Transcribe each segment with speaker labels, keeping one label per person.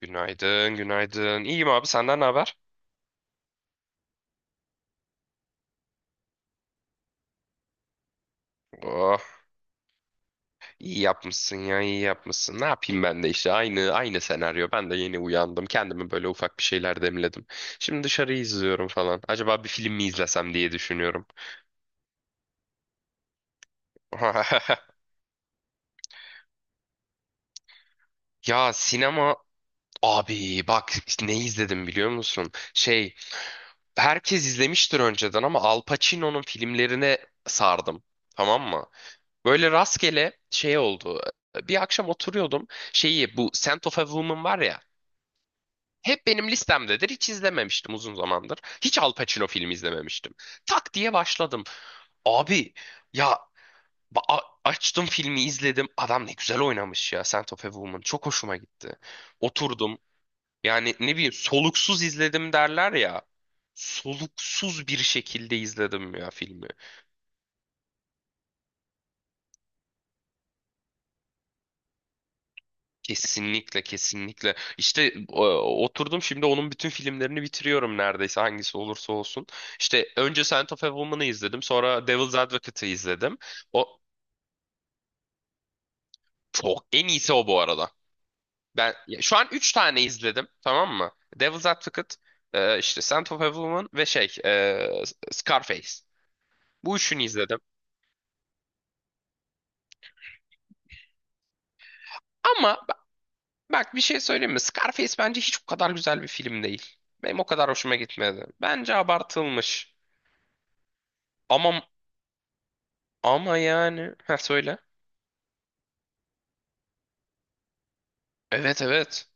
Speaker 1: Günaydın, günaydın. İyiyim abi, senden ne haber? Oh, iyi yapmışsın ya, iyi yapmışsın. Ne yapayım ben de işte aynı senaryo. Ben de yeni uyandım. Kendimi böyle ufak bir şeyler demledim. Şimdi dışarıyı izliyorum falan. Acaba bir film mi izlesem diye düşünüyorum. Ya sinema abi bak işte ne izledim biliyor musun? Şey, herkes izlemiştir önceden ama Al Pacino'nun filmlerine sardım. Tamam mı? Böyle rastgele şey oldu. Bir akşam oturuyordum. Şeyi bu Scent of a Woman var ya. Hep benim listemdedir. Hiç izlememiştim uzun zamandır. Hiç Al Pacino filmi izlememiştim. Tak diye başladım. Abi ya açtım filmi izledim. Adam ne güzel oynamış ya Scent of a Woman. Çok hoşuma gitti. Oturdum. Yani ne bileyim soluksuz izledim derler ya. Soluksuz bir şekilde izledim ya filmi. Kesinlikle kesinlikle. İşte oturdum şimdi onun bütün filmlerini bitiriyorum neredeyse hangisi olursa olsun. İşte önce Scent of a Woman'ı izledim, sonra Devil's Advocate'ı izledim. O çok en iyisi o bu arada. Ben ya, şu an 3 tane izledim, tamam mı? Devil's Advocate, işte Scent of a Woman ve şey Scarface. Bu üçünü izledim. Ama bak bir şey söyleyeyim mi? Scarface bence hiç o kadar güzel bir film değil. Benim o kadar hoşuma gitmedi. Bence abartılmış. Ama Ama yani ha söyle. Evet evet.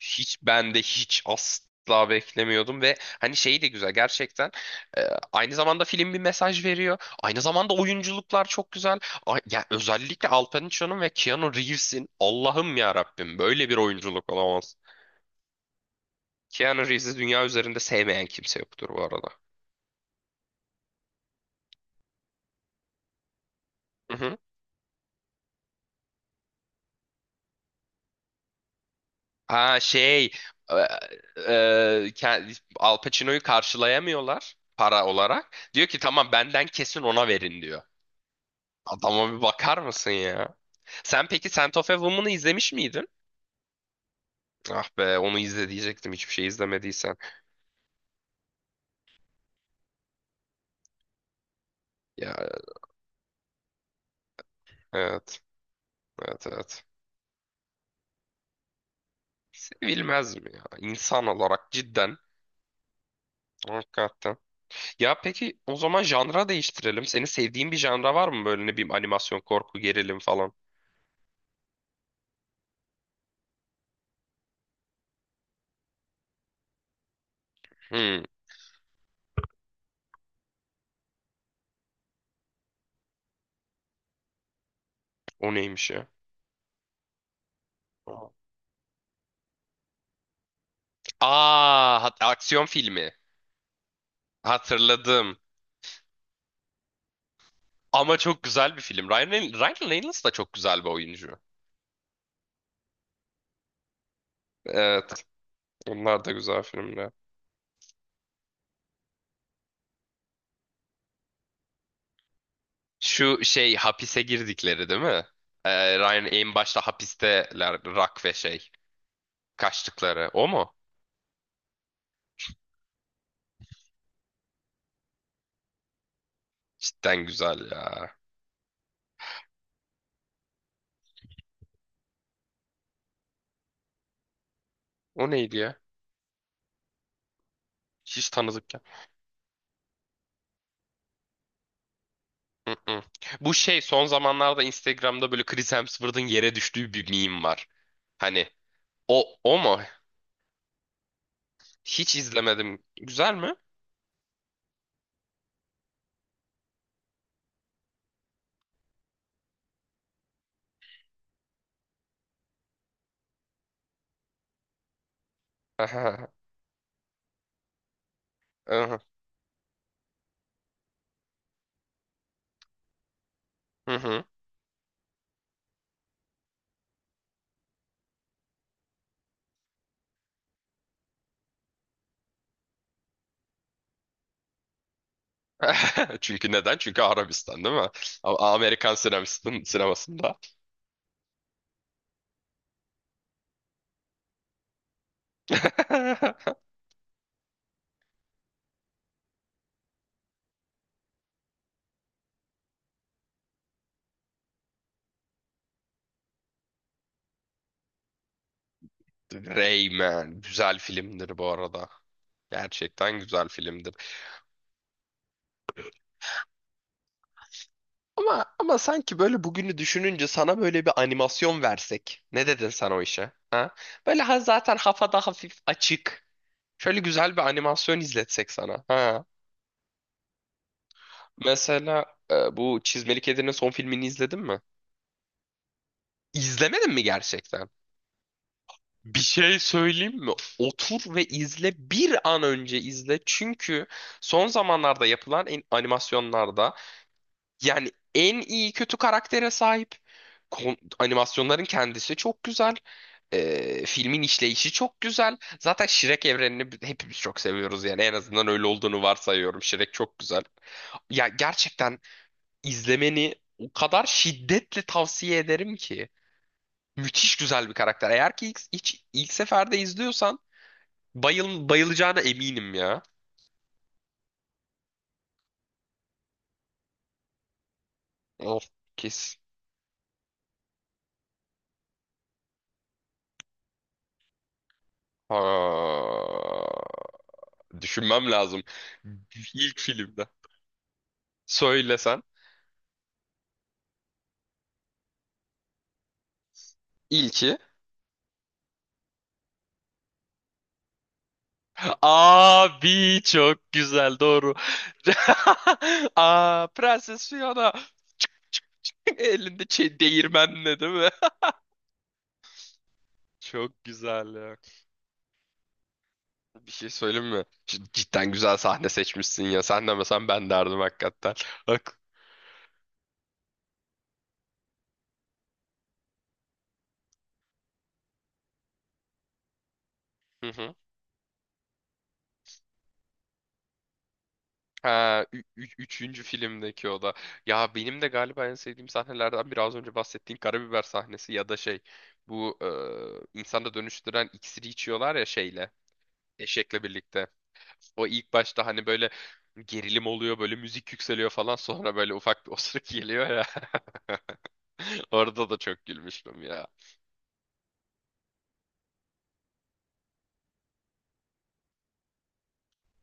Speaker 1: Hiç ben de hiç asla beklemiyordum ve hani şey de güzel gerçekten. Ee, aynı zamanda film bir mesaj veriyor. Aynı zamanda oyunculuklar çok güzel. Ay, ya özellikle Al Pacino'nun ve Keanu Reeves'in Allah'ım ya Rabbim böyle bir oyunculuk olamaz. Keanu Reeves'i dünya üzerinde sevmeyen kimse yoktur bu arada. Hı hı. Aa şey e, Al Pacino'yu karşılayamıyorlar para olarak. Diyor ki tamam benden kesin ona verin diyor. Adama bir bakar mısın ya? Sen peki Scent of a Woman'ı izlemiş miydin? Ah be onu izle diyecektim hiçbir şey izlemediysen. Ya evet. Evet evet. Sevilmez mi ya? İnsan olarak cidden. Hakikaten. Ya peki o zaman janra değiştirelim. Senin sevdiğin bir janra var mı böyle ne bileyim animasyon, korku, gerilim falan? Hmm, o neymiş ya? Aa, aksiyon filmi. Hatırladım. Ama çok güzel bir film. Ryan Reynolds da çok güzel bir oyuncu. Evet, onlar da güzel filmler. Şu şey hapise girdikleri değil mi? Ryan en başta hapisteler Rock ve şey kaçtıkları. O mu? Cidden güzel ya. O neydi ya? Hiç tanıdık ya. Mm-mm. Bu şey son zamanlarda Instagram'da böyle Chris Hemsworth'ın yere düştüğü bir meme var. Hani o mu? Hiç izlemedim. Güzel mi? Aha, aha, hı hı. Çünkü neden? Çünkü Arabistan değil mi? Amerikan sinemasında. Rayman güzel filmdir bu arada. Gerçekten güzel filmdir. Ama sanki böyle bugünü düşününce sana böyle bir animasyon versek. Ne dedin sen o işe? Ha? Böyle ha zaten hafada hafif açık. Şöyle güzel bir animasyon izletsek sana. Ha. Mesela bu Çizmeli Kedi'nin son filmini izledin mi? İzlemedin mi gerçekten? Bir şey söyleyeyim mi? Otur ve izle bir an önce izle. Çünkü son zamanlarda yapılan animasyonlarda yani en iyi kötü karaktere sahip. Animasyonların kendisi çok güzel. Filmin işleyişi çok güzel. Zaten Shrek evrenini hepimiz çok seviyoruz yani en azından öyle olduğunu varsayıyorum. Shrek çok güzel. Ya gerçekten izlemeni o kadar şiddetle tavsiye ederim ki. Müthiş güzel bir karakter. Eğer ki ilk seferde izliyorsan bayılacağına eminim ya. Of kes. Ha, düşünmem lazım. İlk filmde. Söylesen. İlki. Abi çok güzel doğru. Aa Prenses Fiona. Elinde şey değirmenle değil mi? Çok güzel ya. Bir şey söyleyeyim mi? Cidden güzel sahne seçmişsin ya. Sen demesen ben derdim hakikaten. Bak. Hı hı. Ha, üçüncü filmdeki o da. Ya benim de galiba en sevdiğim sahnelerden biraz önce bahsettiğin karabiber sahnesi ya da şey. Bu insana dönüştüren iksiri içiyorlar ya şeyle. Eşekle birlikte. O ilk başta hani böyle gerilim oluyor, böyle müzik yükseliyor falan sonra böyle ufak bir osuruk geliyor ya. Orada da çok gülmüştüm ya.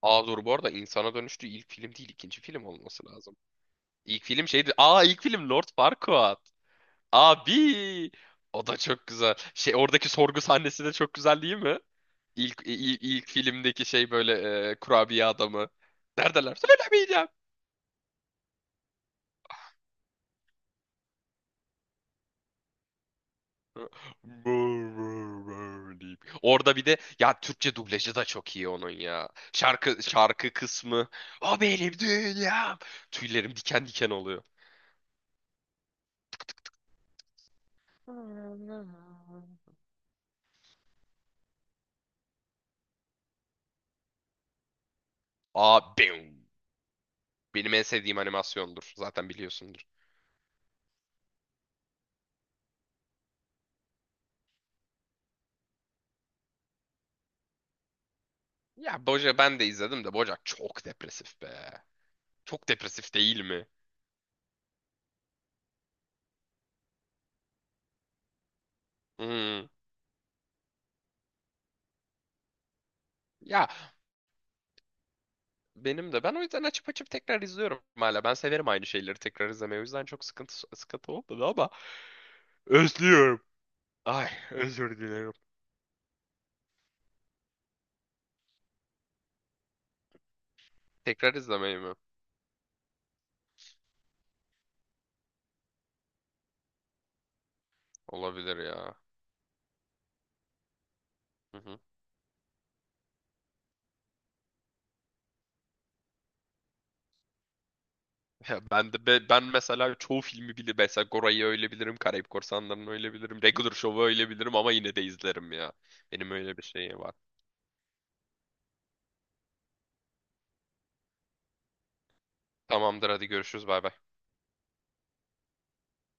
Speaker 1: Aa dur bu arada insana dönüştüğü ilk film değil ikinci film olması lazım. İlk film şeydi. Aa ilk film Lord Farquaad. Abi o da çok güzel. Şey oradaki sorgu sahnesi de çok güzel değil mi? İlk filmdeki şey böyle kurabiye adamı. Neredeler? Brr, brr deyip. Orada bir de ya Türkçe dublajı da çok iyi onun ya. Şarkı kısmı. O benim dünyam. Tüylerim diken diken oluyor. Aa bim. Benim en sevdiğim animasyondur. Zaten biliyorsundur. Ya Boja ben de izledim de Bojack çok depresif be. Çok depresif değil mi? Hmm. Ya benim de ben o yüzden açıp açıp tekrar izliyorum hala. Ben severim aynı şeyleri tekrar izlemeyi. O yüzden çok sıkıntı olmadı ama özlüyorum. Ay özür dilerim. Tekrar izlemeyi mi? Olabilir ya. Hı hı. Ya ben mesela çoğu filmi bile mesela Gora'yı öyle bilirim, Karayip Korsanları'nı öyle bilirim, Regular Show'u öyle bilirim ama yine de izlerim ya. Benim öyle bir şeyim var. Tamamdır hadi görüşürüz bay bay.